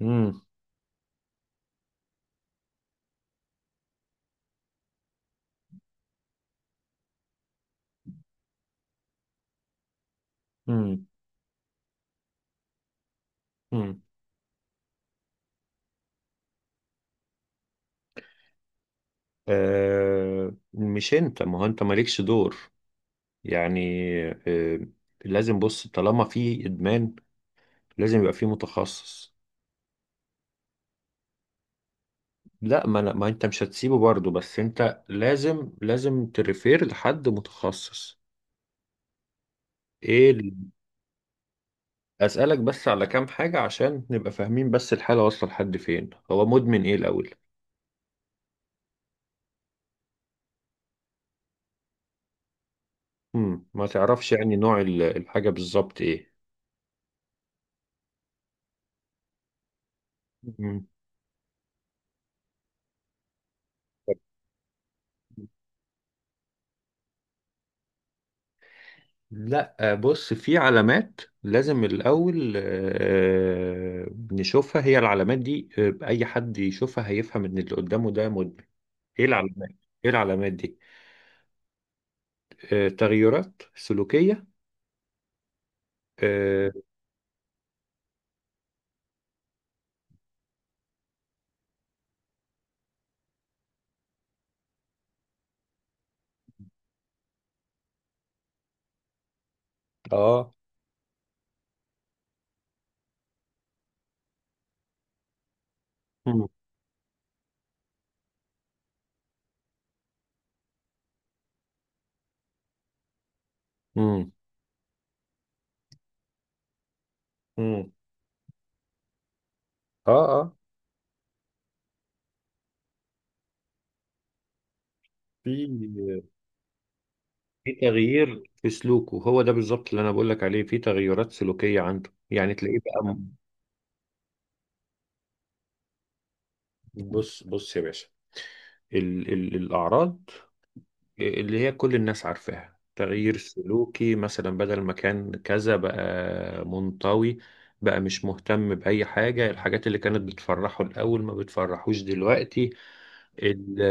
امم امم امم مش انت، ما هو انت مالكش دور، يعني. آه. لازم بص، طالما في ادمان لازم يبقى في متخصص. لا، ما انت مش هتسيبه برضه، بس انت لازم تريفير لحد متخصص. ايه ال- اسالك بس على كام حاجه عشان نبقى فاهمين، بس الحاله واصله لحد فين؟ هو مدمن ايه الاول؟ ما تعرفش يعني نوع الحاجه بالظبط ايه؟ امم لا، بص في علامات لازم الأول نشوفها، هي العلامات دي أي حد يشوفها هيفهم إن اللي قدامه ده مدمن. إيه العلامات؟ إيه العلامات دي؟ آه، تغيرات سلوكية. آه، آه. مم. مم. مم. آه، آه. في في تغيير في سلوكه. هو ده بالظبط اللي أنا بقول لك عليه، في تغيرات سلوكية عنده، يعني تلاقيه بقى بص بص يا باشا، ال ال الأعراض اللي هي كل الناس عارفاها، تغيير سلوكي مثلا، بدل ما كان كذا بقى منطوي، بقى مش مهتم بأي حاجة، الحاجات اللي كانت بتفرحه الأول ما بتفرحوش دلوقتي. ال-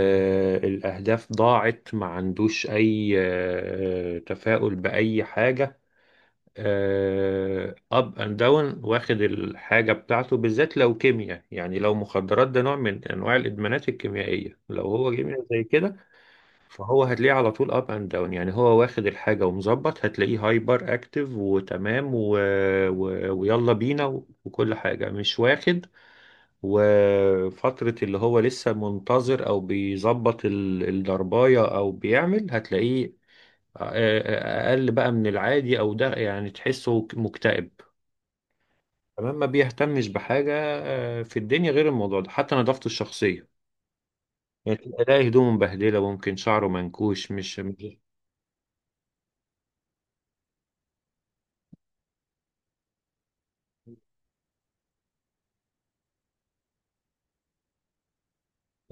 الأهداف ضاعت، ما عندوش أي تفاؤل بأي حاجة. أب أند داون، واخد الحاجة بتاعته، بالذات لو كيمياء، يعني لو مخدرات ده نوع من أنواع الإدمانات الكيميائية. لو هو كيمياء زي كده، فهو هتلاقيه على طول اب اند داون، يعني هو واخد الحاجه ومظبط، هتلاقيه هايبر اكتف وتمام ويلا بينا وكل حاجه، مش واخد. وفتره اللي هو لسه منتظر او بيظبط الضربايه او بيعمل، هتلاقيه اقل بقى من العادي، او ده يعني تحسه مكتئب، تمام، ما بيهتمش بحاجه في الدنيا غير الموضوع ده، حتى نظافته الشخصيه يعني، تلاقي هدومه مبهدله، ممكن شعره منكوش،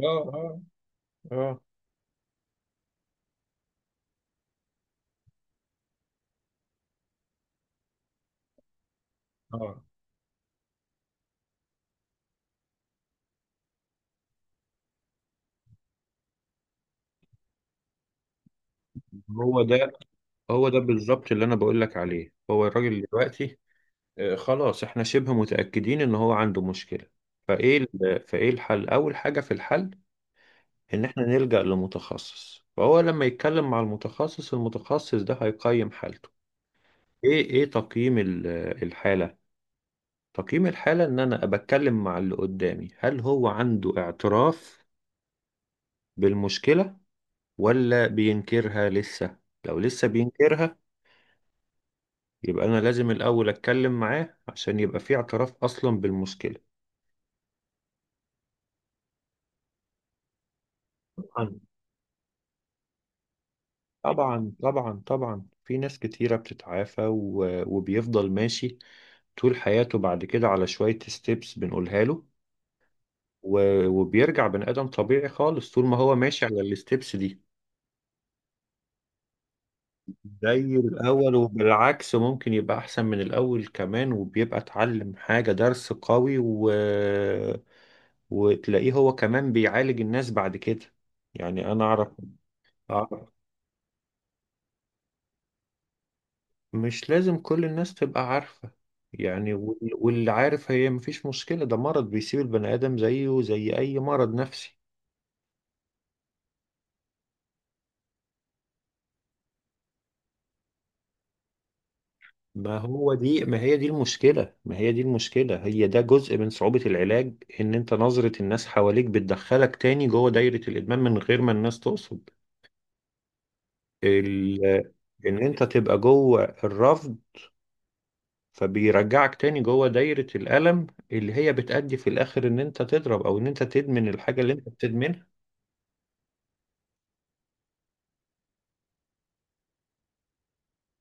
اه، اه، اه، اه. هو ده هو ده بالظبط اللي انا بقول لك عليه هو الراجل دلوقتي. خلاص، احنا شبه متأكدين ان هو عنده مشكلة. فايه ال- فايه الحل؟ اول حاجة في الحل، ان احنا نلجأ لمتخصص، فهو لما يتكلم مع المتخصص، المتخصص ده هيقيم حالته. ايه ايه تقييم الحالة. تقييم الحالة ان انا بتكلم مع اللي قدامي، هل هو عنده اعتراف بالمشكلة ولا بينكرها لسه؟ لو لسه بينكرها يبقى أنا لازم الأول أتكلم معاه عشان يبقى في اعتراف أصلا بالمشكلة. طبعا، طبعا، طبعا. طبعا في ناس كتيرة بتتعافى وبيفضل ماشي طول حياته بعد كده على شوية ستيبس بنقولها له، و... وبيرجع بني آدم طبيعي خالص طول ما هو ماشي على الستيبس دي. زي الأول، وبالعكس ممكن يبقى أحسن من الأول كمان، وبيبقى اتعلم حاجة درس قوي، وتلاقيه هو كمان بيعالج الناس بعد كده، يعني أنا أعرف. مش لازم كل الناس تبقى عارفة، يعني، واللي عارف هي مفيش مشكلة، ده مرض بيسيب البني آدم زيه زي أي مرض نفسي. ما هو دي ما هي دي المشكلة ما هي دي المشكلة، هي ده جزء من صعوبة العلاج، إن أنت نظرة الناس حواليك بتدخلك تاني جوه دايرة الإدمان من غير ما الناس تقصد. ال... إن أنت تبقى جوه الرفض، فبيرجعك تاني جوه دايرة الألم اللي هي بتأدي في الآخر إن أنت تضرب، أو إن أنت تدمن الحاجة اللي أنت بتدمنها.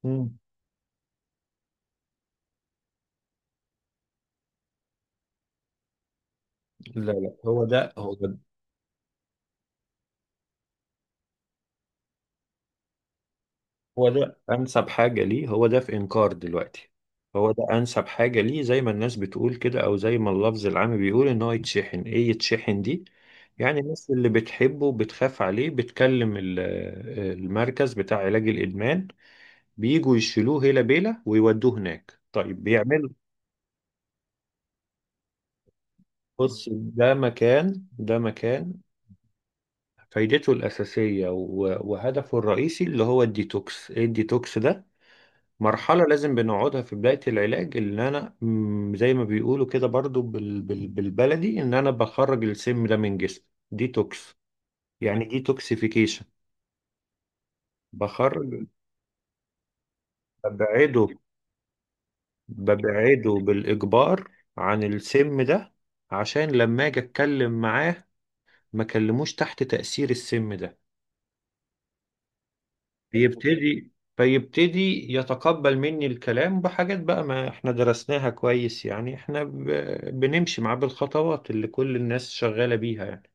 مم. لا، لا. هو ده انسب حاجه ليه، هو ده في انكار دلوقتي. هو ده انسب حاجه ليه، زي ما الناس بتقول كده، او زي ما اللفظ العام بيقول، ان هو يتشحن. ايه يتشحن دي؟ يعني الناس اللي بتحبه بتخاف عليه، بتكلم المركز بتاع علاج الادمان، بيجوا يشيلوه هيلا بيلا ويودوه هناك. طيب بيعمل؟ بص، ده مكان فايدته الأساسية وهدفه الرئيسي اللي هو الديتوكس. إيه الديتوكس ده؟ مرحلة لازم بنقعدها في بداية العلاج، ان انا زي ما بيقولوا كده برضو بالبلدي، ان انا بخرج السم ده من جسمي. ديتوكس، يعني ديتوكسيفيكيشن. بخرج، ببعده ببعده بالإجبار عن السم ده، عشان لما اجي اتكلم معاه ما كلموش تحت تأثير السم ده. فيبتدي فيبتدي يتقبل مني الكلام بحاجات بقى ما احنا درسناها كويس، يعني احنا بنمشي معاه بالخطوات اللي كل الناس شغالة بيها يعني.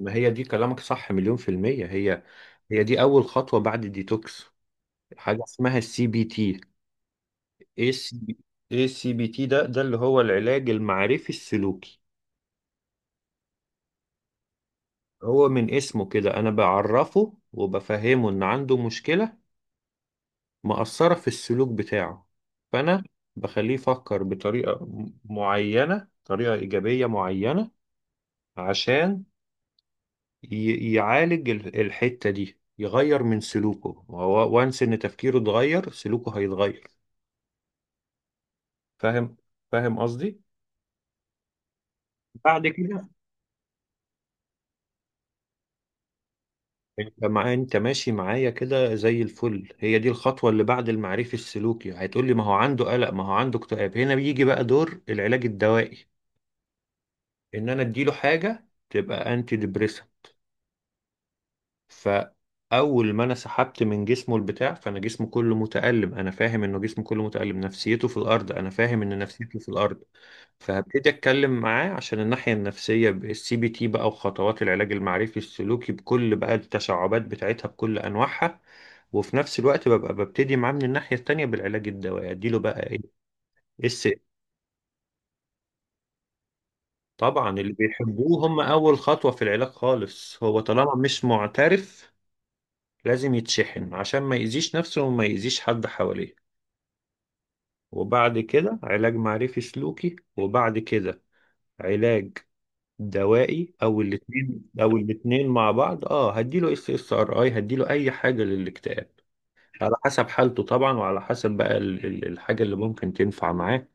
ما هي دي، كلامك صح مليون في المية. هي هي دي أول خطوة بعد الديتوكس، حاجة اسمها الـCBT. ايه السي بي ايه الـCBT ده اللي هو العلاج المعرفي السلوكي. هو من اسمه كده أنا بعرفه وبفهمه، إن عنده مشكلة مأثرة في السلوك بتاعه، فأنا بخليه يفكر بطريقة معينة، طريقة إيجابية معينة، عشان يعالج الحتة دي، يغير من سلوكه هو، وانس إن تفكيره اتغير سلوكه هيتغير. فاهم فاهم قصدي؟ بعد كده، انت ماشي معايا كده زي الفل. هي دي الخطوة اللي بعد المعرفي السلوكي، هتقول لي ما هو عنده قلق، ما هو عنده اكتئاب. هنا بيجي بقى دور العلاج الدوائي، ان انا اديله حاجة تبقى انتي ديبريسنت. فاول ما انا سحبت من جسمه البتاع، فانا جسمه كله متألم، انا فاهم انه جسمه كله متألم، نفسيته في الارض، انا فاهم ان نفسيته في الارض. فهبتدي اتكلم معاه عشان الناحيه النفسيه بالسي بي تي بقى، وخطوات العلاج المعرفي السلوكي بكل بقى التشعبات بتاعتها بكل انواعها، وفي نفس الوقت ببقى ببتدي معاه من الناحيه التانيه بالعلاج الدوائي، اديله بقى ايه؟ اس طبعا، اللي بيحبوه هم اول خطوه في العلاج خالص، هو طالما مش معترف لازم يتشحن عشان ما يأذيش نفسه وما يأذيش حد حواليه. وبعد كده علاج معرفي سلوكي، وبعد كده علاج دوائي، او الاتنين مع بعض. اه، هديله SSRI، هديله اي حاجه للاكتئاب، على حسب حالته طبعا، وعلى حسب بقى الحاجه اللي ممكن تنفع معاه.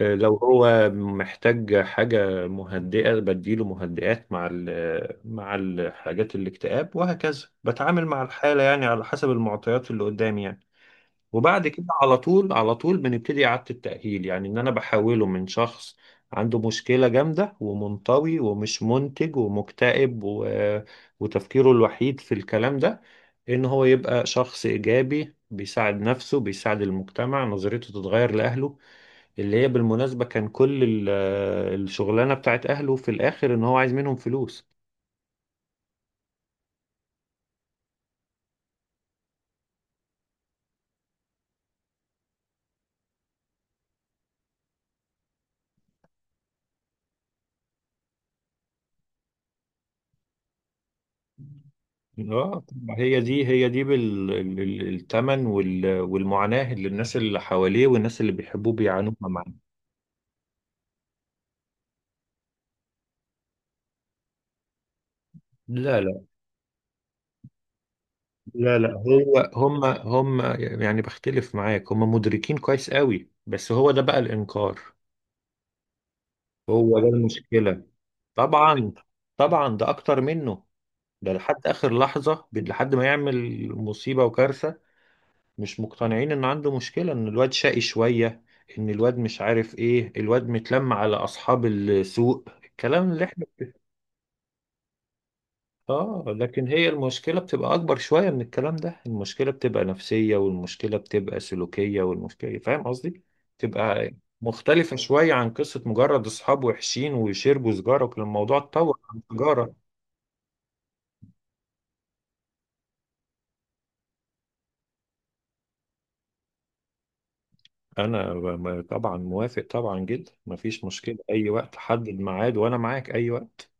لو هو محتاج حاجه مهدئه بديله مهدئات، مع مع الحاجات الاكتئاب، وهكذا بتعامل مع الحاله، يعني على حسب المعطيات اللي قدامي يعني. وبعد كده على طول، على طول بنبتدي إعادة التأهيل، يعني إن أنا بحوله من شخص عنده مشكلة جامدة، ومنطوي، ومش منتج، ومكتئب، وتفكيره الوحيد في الكلام ده، إن هو يبقى شخص إيجابي بيساعد نفسه، بيساعد المجتمع، نظريته تتغير لأهله، اللي هي بالمناسبة كان كل الشغلانة بتاعت أهله في الآخر إن هو عايز منهم فلوس. اه، ما هي دي هي دي بالثمن والمعاناة اللي الناس اللي حواليه والناس اللي بيحبوه بيعانوها معاه. لا، لا. لا، لا، هو هم هم. يعني بختلف معاك، هم مدركين كويس قوي، بس هو ده بقى الإنكار. هو ده المشكلة. طبعا. طبعا ده أكتر منه، ده لحد آخر لحظة، لحد ما يعمل مصيبة وكارثة. مش مقتنعين ان عنده مشكلة، ان الواد شقي شوية، ان الواد مش عارف ايه، الواد متلم على اصحاب السوق، الكلام اللي احنا. اه، لكن هي المشكلة بتبقى اكبر شوية من الكلام ده. المشكلة بتبقى نفسية، والمشكلة بتبقى سلوكية، والمشكلة، فاهم قصدي، بتبقى مختلفة شوية عن قصة مجرد اصحاب وحشين ويشربوا سجارة، وكان الموضوع اتطور عن سجارة. انا طبعا موافق، طبعا جدا، مفيش مشكلة، اي وقت حدد ميعاد وانا معاك اي وقت.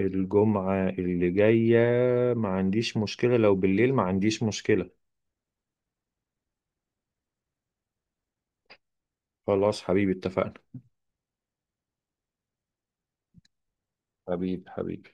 الجمعة اللي جاية؟ ما عنديش مشكلة، لو بالليل ما عنديش مشكلة. خلاص حبيبي، اتفقنا. حبيب، حبيب.